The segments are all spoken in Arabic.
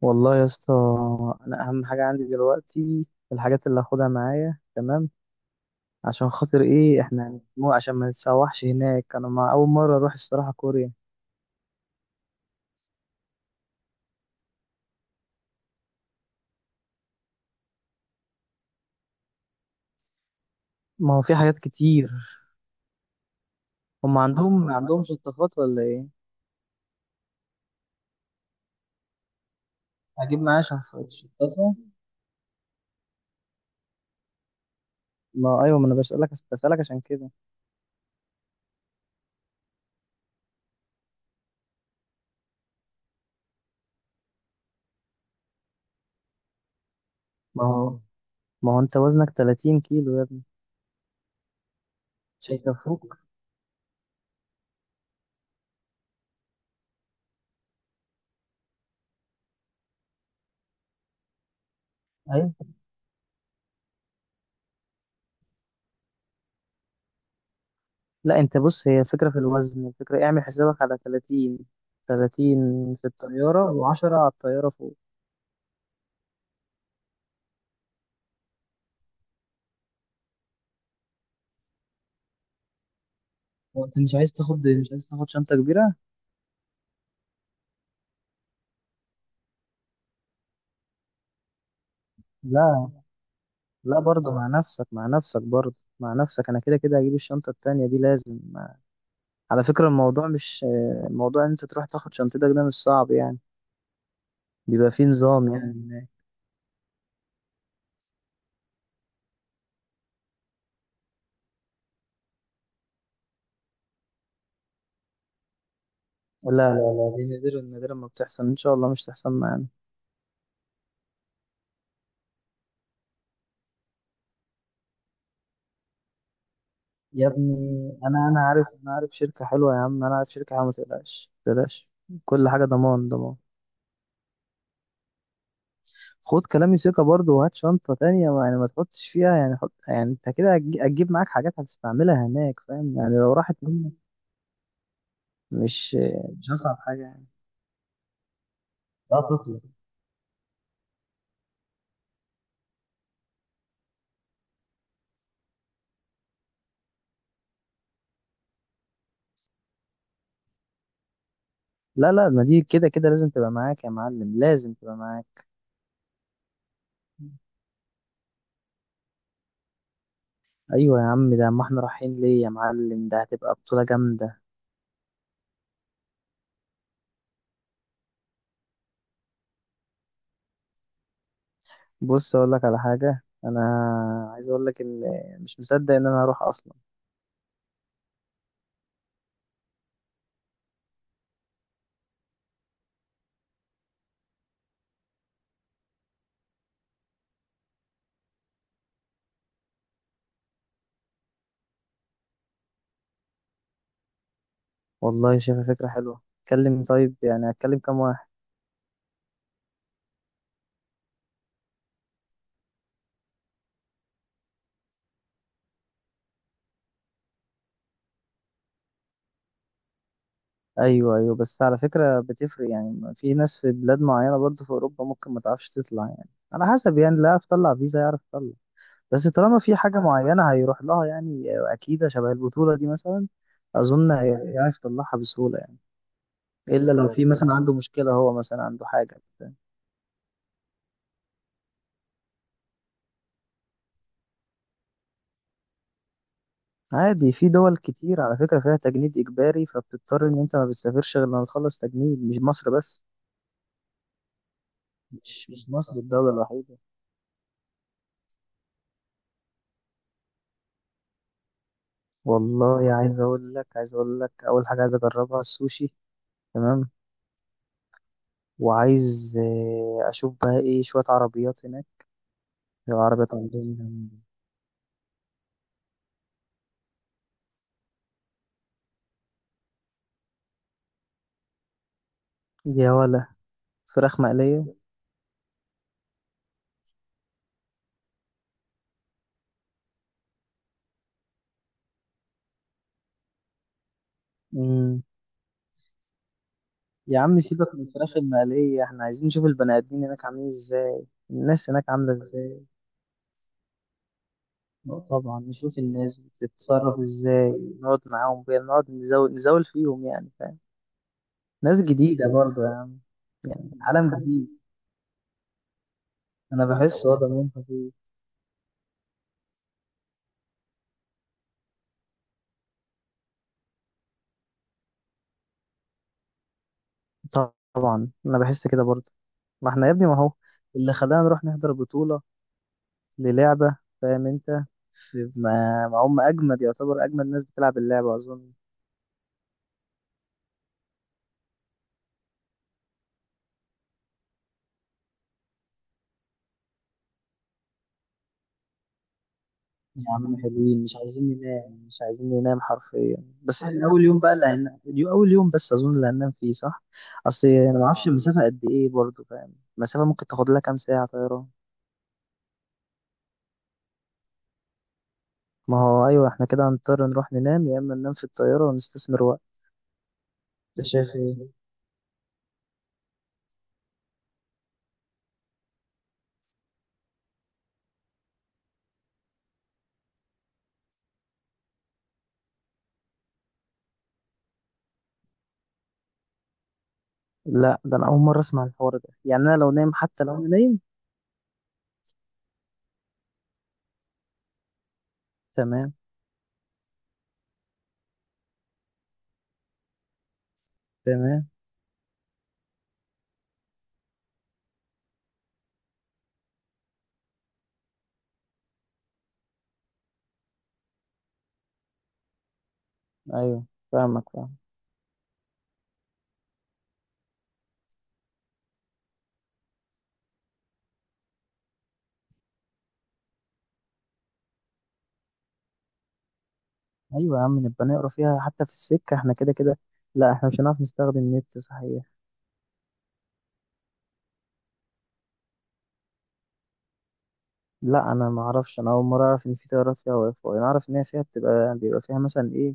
والله يا اسطى. اهم حاجه عندي دلوقتي الحاجات اللي هاخدها معايا، تمام؟ عشان خاطر ايه؟ احنا مو عشان ما نتسوحش هناك، انا ما اول مره اروح الصراحه كوريا. ما هو في حاجات كتير. هم عندهم ما عندهم شطافات ولا ايه؟ هجيب معايا شطافه. ما هو ايوه، ما انا بسالك عشان كده. ما هو ما هو انت وزنك 30 كيلو يا ابني، مش هيكفوك. ايوه، لا انت بص، هي فكره في الوزن، الفكره اعمل حسابك على 30. 30 في الطياره، و10 على الطياره فوق. هو انت مش عايز تاخد، مش عايز تاخد شنطة كبيرة؟ لا لا، برضه مع نفسك، مع نفسك، برضه مع نفسك، انا كده كده هجيب الشنطة التانية دي لازم. على فكرة الموضوع مش الموضوع ان انت تروح تاخد شنطتك، ده مش صعب يعني، بيبقى فيه نظام يعني هناك. لا لا لا، دي نادرا نادرا ما بتحصل، ان شاء الله مش تحصل معانا. يا ابني، انا عارف، عارف شركة حلوة، يا عم انا عارف شركة حلوة، ما تقلقش ما تقلقش، كل حاجة ضمان ضمان. خد كلامي ثقة برضه، وهات شنطة تانية، ما يعني ما تحطش فيها، يعني حط، يعني انت كده هتجيب معاك حاجات هتستعملها هناك، فاهم؟ يعني لو راحت منك، مش مش هصعب حاجة يعني. لا تطلع. لا لا، ما دي كده كده لازم تبقى معاك يا معلم، لازم تبقى معاك. ايوه يا عم، ده ما احنا رايحين ليه يا معلم؟ ده هتبقى بطولة جامدة. بص اقول لك على حاجة، عايز اقول لك ان مش مصدق ان انا هروح اصلا. والله شايفها فكرة حلوة، اتكلم، طيب يعني اتكلم كام واحد. ايوه ايوه، بس على فكره بتفرق، يعني في ناس في بلاد معينه برضو في اوروبا ممكن ما تعرفش تطلع، يعني على حسب، يعني اللي عارف يطلع فيزا يعرف يطلع. بس طالما في حاجه معينه هيروح لها يعني، اكيد شبه البطوله دي مثلا اظن هيعرف يطلعها بسهوله يعني، الا لو في مثلا عنده مشكله، هو مثلا عنده حاجه. عادي، في دول كتير على فكره فيها تجنيد اجباري، فبتضطر ان انت ما بتسافرش غير لما تخلص تجنيد، مش مصر بس، مش مصر الدوله الوحيده. والله عايز اقول لك اول حاجه عايز اجربها السوشي، تمام؟ وعايز اشوف بقى ايه شويه عربيات هناك، العربيات عندهم. يا ولا، فراخ مقليه. مم. يا عم سيبك من الفراخ المقليه، احنا عايزين نشوف البني ادمين هناك عاملين ازاي، الناس هناك عامله ازاي. طبعا نشوف الناس بتتصرف ازاي، نقعد معاهم بقى، نقعد نزول نزول فيهم يعني فاهم. ناس جديده برضه يا عم، يعني عالم جديد. انا بحس وضع منطقي. طب انا بحس كده برضه. ما احنا يا ابني، ما هو اللي خلانا نروح نحضر بطوله للعبة، فاهم انت؟ في- ما ما هم اجمد، يعتبر اجمد ناس بتلعب اللعبة اظن. يا عم حلوين، مش عايزين ننام، مش عايزين ننام حرفيا. بس احنا اول يوم بقى اللي هننام، اول يوم بس اظن اللي هننام فيه صح. اصل انا ما اعرفش المسافة قد ايه برضو، فاهم؟ المسافة ممكن تاخد لها كام ساعة طيران. ما هو ايوه، احنا كده هنضطر نروح ننام، يا اما ننام في الطيارة ونستثمر وقت. ده شايف ايه؟ لا ده انا اول مرة اسمع الحوار ده، يعني انا لو نايم حتى لو انا نايم. تمام. تمام. ايوه فاهمك فاهمك. ايوه يا عم، نبقى نقرا فيها حتى في السكه، احنا كده كده. لا احنا مش هنعرف نستخدم النت صحيح؟ لا انا ما اعرفش، انا اول مره اعرف ان في تيارات فيها واي فاي، انا اعرف ان هي فيها بتبقى بيبقى فيها مثلا ايه،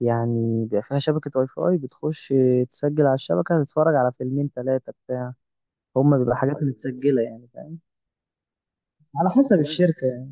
يعني بيبقى فيها شبكه واي فاي، بتخش تسجل على الشبكه، تتفرج على فيلمين ثلاثه بتاع، هما بيبقى حاجات متسجله يعني فاهم. على حسب الشركه يعني.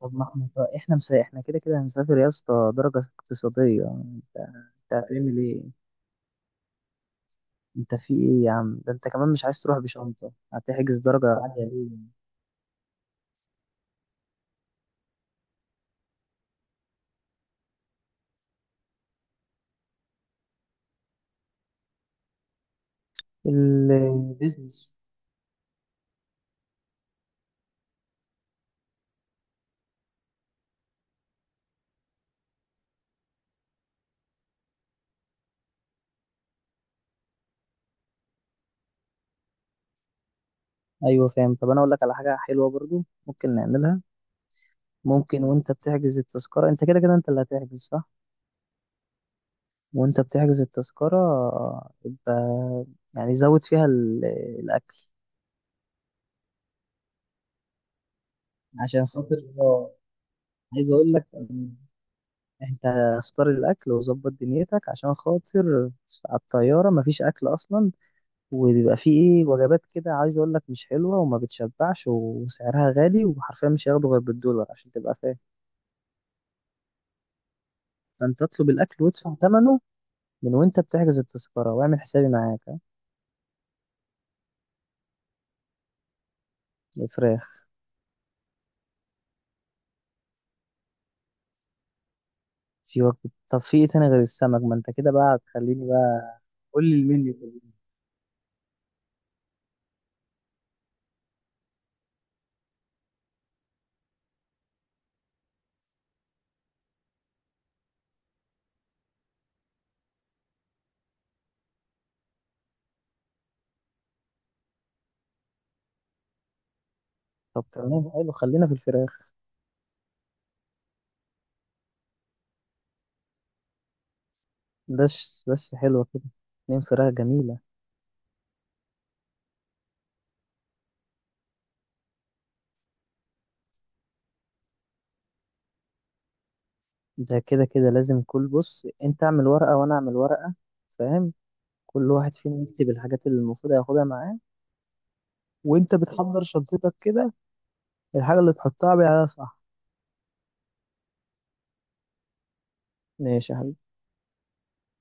طب ما احنا، طب احنا احنا كده كده هنسافر يا اسطى درجه اقتصاديه، انت انت هتعمل ايه؟ انت في ايه يا عم؟ ده انت كمان مش عايز تروح بشنطه، هتحجز درجه عاليه ليه؟ البيزنس. ايوه فاهم، طب انا اقول لك على حاجه حلوه برضو ممكن نعملها. ممكن وانت بتحجز التذكره، انت كده كده انت اللي هتحجز صح؟ وانت بتحجز التذكره، يبقى يعني زود فيها الاكل عشان خاطر عايز اقول لك إن انت اختار الاكل وظبط دنيتك، عشان خاطر على الطياره مفيش اكل اصلا، وبيبقى فيه ايه، وجبات كده عايز اقول لك مش حلوه وما بتشبعش وسعرها غالي، وحرفيا مش هياخدوا غير بالدولار عشان تبقى فاهم. فأنت اطلب الأكل وادفع ثمنه، من وأنت بتحجز التذكرة، واعمل حسابي معاك، ها؟ الفراخ في وجبة. طب في إيه تاني غير السمك؟ ما أنت كده بقى هتخليني بقى قول لي المنيو كله. طب تمام حلو، خلينا في الفراخ. بس بس حلوة كده، اتنين فراخ جميلة. ده كده كده لازم، كل بص انت اعمل ورقة وانا اعمل ورقة، فاهم؟ كل واحد فينا يكتب الحاجات اللي المفروض هياخدها معاه، وانت بتحضر شنطتك كده الحاجة اللي تحطها عليها صح. ماشي يا حبيبي.